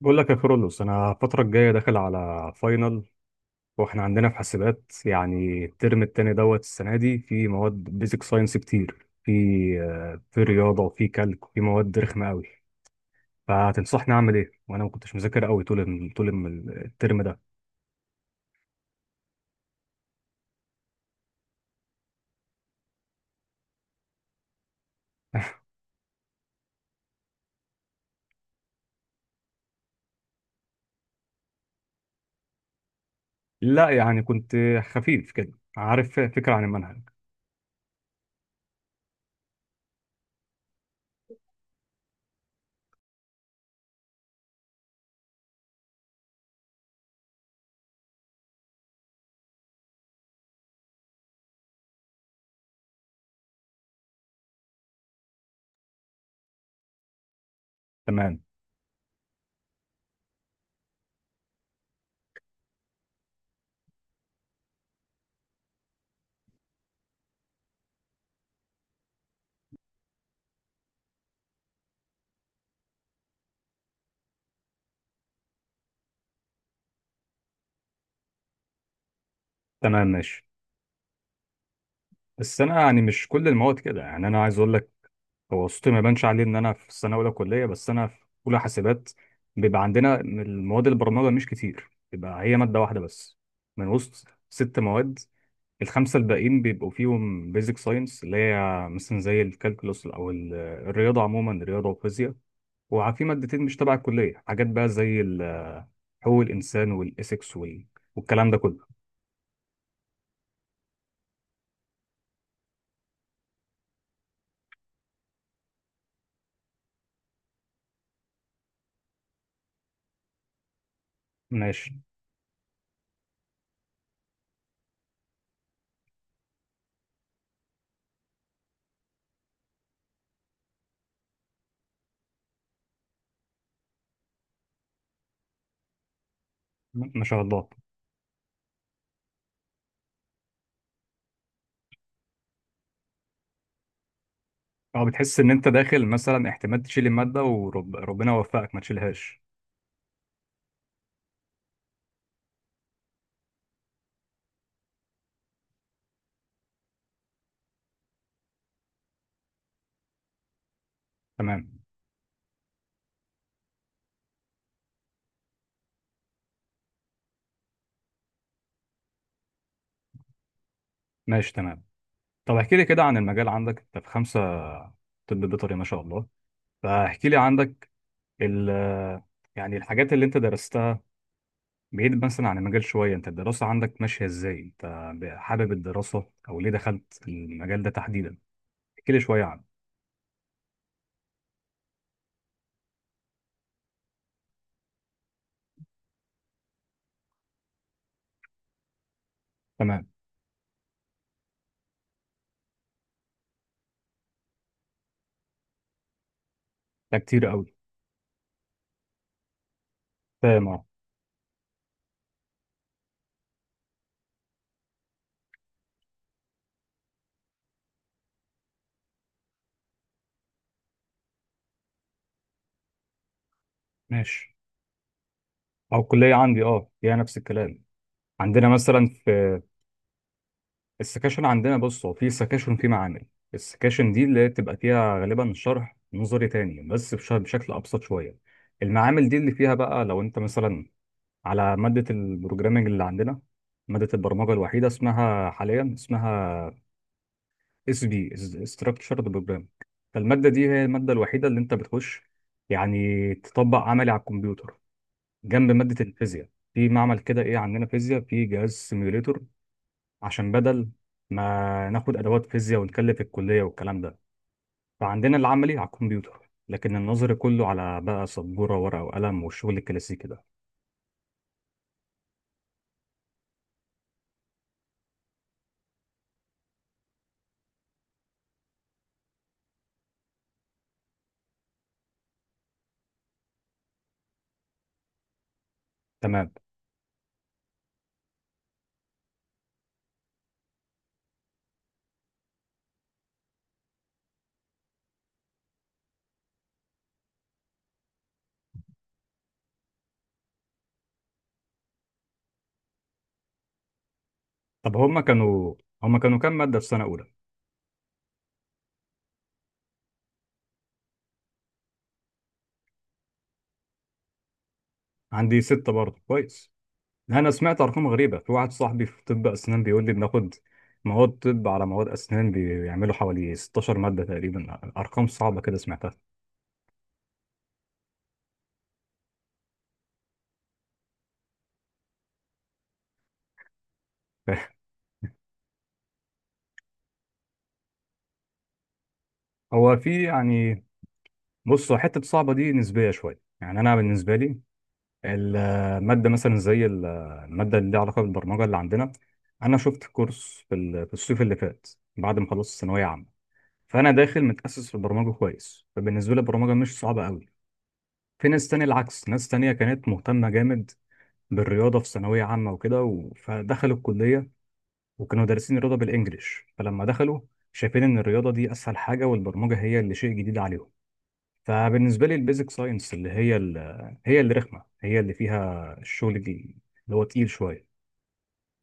بقول لك يا كرولوس، انا الفتره الجايه داخل على فاينل. واحنا عندنا في حاسبات، يعني الترم التاني دوت السنه دي، في مواد بيزك ساينس كتير. في رياضه وفي كالك وفي مواد رخمه قوي. فتنصحني اعمل ايه؟ وانا ما كنتش مذاكر قوي الترم ده. لا، يعني كنت خفيف كده، عارف فكره عن المنهج. تمام. تمام ماشي. بس انا يعني مش كل المواد كده، يعني انا عايز اقول لك. هو صوتي ما يبانش عليه ان انا في السنه اولى كليه، بس انا في اولى حاسبات. بيبقى عندنا المواد البرمجه مش كتير، بيبقى هي ماده واحده بس من وسط ست مواد. الخمسه الباقيين بيبقوا فيهم بيزك ساينس، اللي هي مثلا زي الكالكولوس او الرياضه عموما، الرياضه والفيزياء. وفي مادتين مش تبع الكليه، حاجات بقى زي حقوق الانسان والايثكس والكلام ده كله. ماشي. ما شاء الله. اه، بتحس ان انت داخل مثلا احتمال تشيل الماده، وربنا يوفقك ما تشيلهاش. تمام ماشي. تمام. طب احكي لي كده عن المجال عندك، انت في خمسة طب بيطري، ما شاء الله. فاحكي لي عندك ال يعني الحاجات اللي انت درستها، بعيد مثلا عن المجال شوية، انت الدراسة عندك ماشية ازاي؟ انت حابب الدراسة؟ او ليه دخلت المجال ده تحديدا؟ احكي لي شوية عنه. تمام. ده كتير قوي. فاهم، اه. ماشي. او الكلية عندي اه هي نفس الكلام. عندنا مثلا السكاشن عندنا، بص هو في سكاشن في معامل. السكاشن دي اللي بتبقى فيها غالبا شرح نظري تاني، بس بشكل ابسط شويه. المعامل دي اللي فيها بقى لو انت مثلا على ماده البروجرامنج اللي عندنا، ماده البرمجه الوحيده اسمها حاليا اس بي، استراكشرد بروجرام. فالماده دي هي الماده الوحيده اللي انت بتخش يعني تطبق عملي على الكمبيوتر، جنب ماده الفيزياء. في معمل كده ايه، عندنا فيزياء في جهاز سيميوليتور، عشان بدل ما ناخد ادوات فيزياء ونكلف الكليه والكلام ده. فعندنا العملي على الكمبيوتر، لكن النظري كله على بقى سبوره ورقه وقلم والشغل الكلاسيكي ده. تمام. طب هما كانوا كام ماده في سنه اولى؟ عندي سته برضه، كويس. انا سمعت ارقام غريبه، في واحد صاحبي في طب اسنان بيقول لي بناخد مواد طب على مواد اسنان، بيعملوا حوالي 16 ماده تقريبا. ارقام صعبه كده سمعتها. هو في يعني، بصوا، حته صعبه دي نسبيه شويه. يعني انا بالنسبه لي، المادة مثلا زي المادة اللي ليها علاقة بالبرمجة اللي عندنا. أنا شفت كورس في الصيف اللي فات بعد ما خلصت ثانوية عامة، فأنا داخل متأسس في البرمجة كويس، فبالنسبة لي البرمجة مش صعبة أوي. في ناس تانية العكس، ناس تانية كانت مهتمة جامد بالرياضة في ثانوية عامة وكده فدخلوا الكلية، وكانوا دارسين الرياضة بالإنجليش، فلما دخلوا شايفين إن الرياضة دي أسهل حاجة والبرمجة هي اللي شيء جديد عليهم. فبالنسبه لي البيزك ساينس اللي هي اللي رخمه، هي اللي فيها الشغل دي، اللي هو تقيل شويه،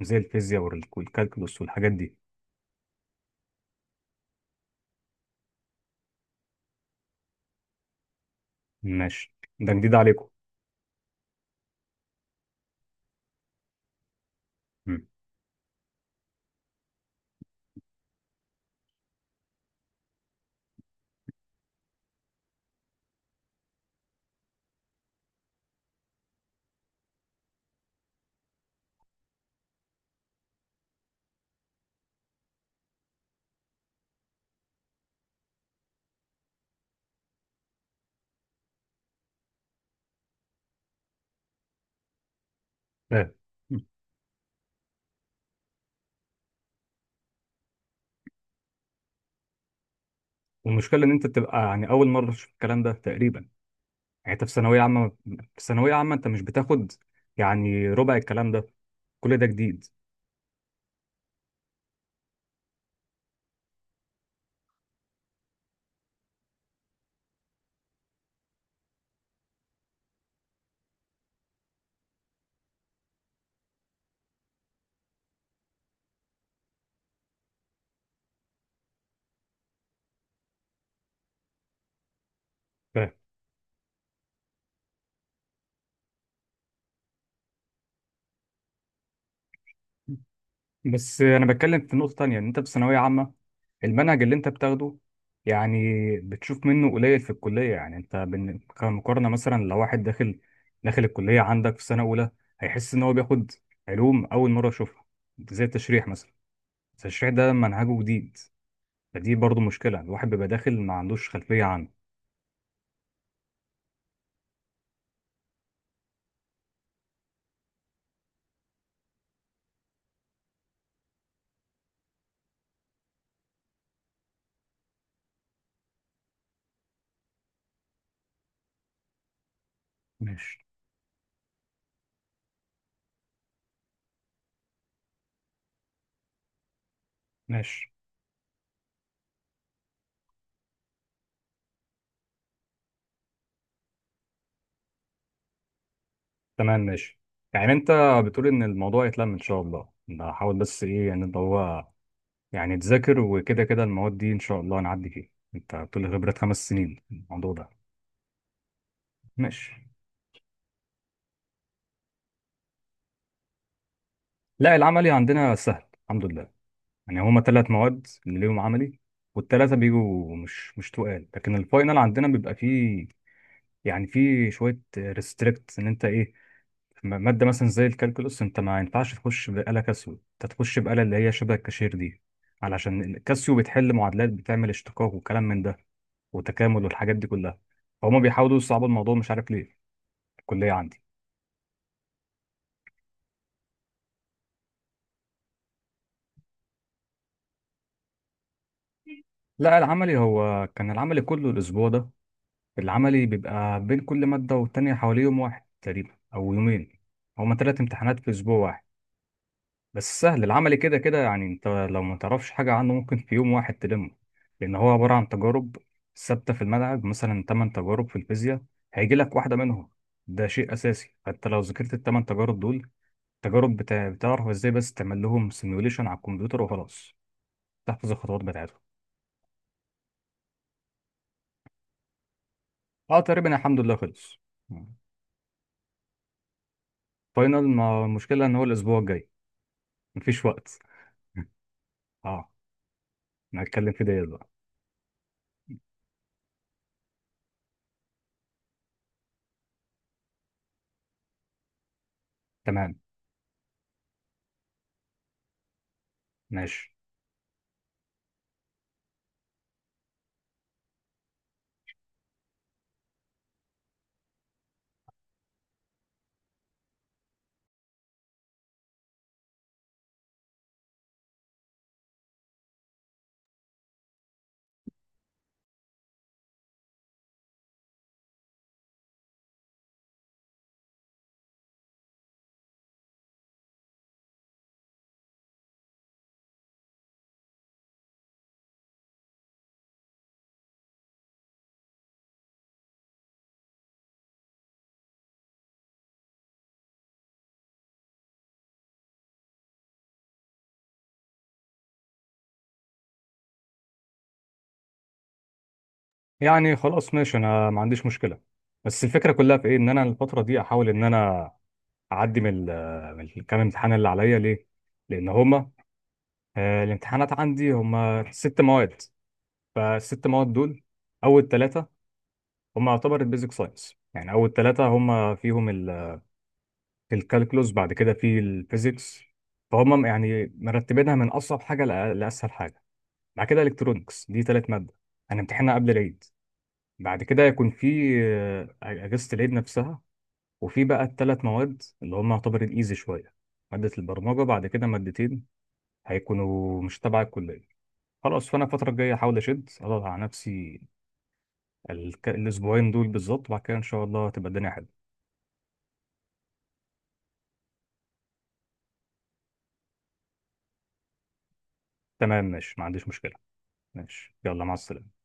زي الفيزياء والكالكولوس والحاجات دي. ماشي. ده جديد عليكم. مم. فاهم. مم. والمشكله ان انت بتبقى يعني اول مره تشوف الكلام ده تقريبا. يعني انت في ثانويه عامه انت مش بتاخد يعني ربع الكلام ده. كل ده جديد. فاهم. بس انا بتكلم في نقطه تانية، ان انت في ثانويه عامه المنهج اللي انت بتاخده يعني بتشوف منه قليل في الكلية. يعني انت كمقارنة مثلا، لو واحد داخل الكلية عندك في سنة أولى، هيحس إن هو بياخد علوم أول مرة يشوفها، زي التشريح مثلا. التشريح ده منهجه جديد، فدي برضو مشكلة، الواحد بيبقى داخل ما عندوش خلفية عنه. ماشي. ماشي تمام ماشي. يعني انت بتقول ان الموضوع يتلم ان شاء الله، بحاول، بس ايه يعني اللي هو يعني تذاكر وكده كده، المواد دي ان شاء الله نعدي فيها. انت بتقول لي خبرة خمس سنين الموضوع ده. ماشي. لا العملي عندنا سهل الحمد لله. يعني هما ثلاث مواد اللي ليهم عملي، والثلاثة بيجوا مش تقال. لكن الفاينل عندنا بيبقى فيه يعني فيه شوية ريستريكت، ان انت ايه مادة مثلا زي الكالكولوس، انت ما ينفعش تخش بآلة كاسيو، انت تخش بآلة اللي هي شبه الكاشير دي، علشان الكاسيو بتحل معادلات، بتعمل اشتقاق وكلام من ده وتكامل والحاجات دي كلها. فهم بيحاولوا يصعبوا الموضوع، مش عارف ليه، في الكلية عندي. لا العملي هو كان العملي كله الأسبوع ده. العملي بيبقى بين كل مادة والتانية حوالي يوم واحد تقريبا أو يومين. هما تلات امتحانات في أسبوع واحد، بس سهل العملي كده كده، يعني أنت لو ما تعرفش حاجة عنه ممكن في يوم واحد تلمه، لأن هو عبارة عن تجارب ثابتة في الملعب، مثلا تمن تجارب في الفيزياء، هيجي لك واحدة منهم، ده شيء أساسي. فأنت لو ذاكرت التمن تجارب دول، تجارب بتعرف إزاي بس تعمل لهم سيميوليشن على الكمبيوتر وخلاص، تحفظ الخطوات بتاعتهم. أه تقريبا الحمد لله خلص. فاينل، ما المشكلة إن هو الأسبوع الجاي، مفيش وقت. اه. نتكلم في ديت بقى. تمام ماشي. يعني خلاص ماشي، انا ما عنديش مشكله، بس الفكره كلها في ايه، ان انا الفتره دي احاول ان انا اعدي من الكام امتحان اللي عليا ليه، لان هما الامتحانات عندي هما ست مواد. فالست مواد دول، اول ثلاثه هما يعتبر البيزك ساينس، يعني اول ثلاثه هما فيهم الكالكولوس، بعد كده في الفيزيكس، فهم يعني مرتبينها من اصعب حاجه لاسهل حاجه. بعد كده الكترونكس، دي ثلاث ماده هنمتحنها قبل العيد. بعد كده يكون في أجازة العيد نفسها، وفي بقى الثلاث مواد اللي هم يعتبر الإيزي شوية، مادة البرمجة، بعد كده مادتين هيكونوا مش تبع الكلية. خلاص، فأنا الفترة الجاية أحاول أشد أضغط على نفسي الأسبوعين دول بالظبط، وبعد كده إن شاء الله تبقى الدنيا حلوة. تمام ماشي، ما عنديش مشكلة. ماشي، يلا مع السلامة.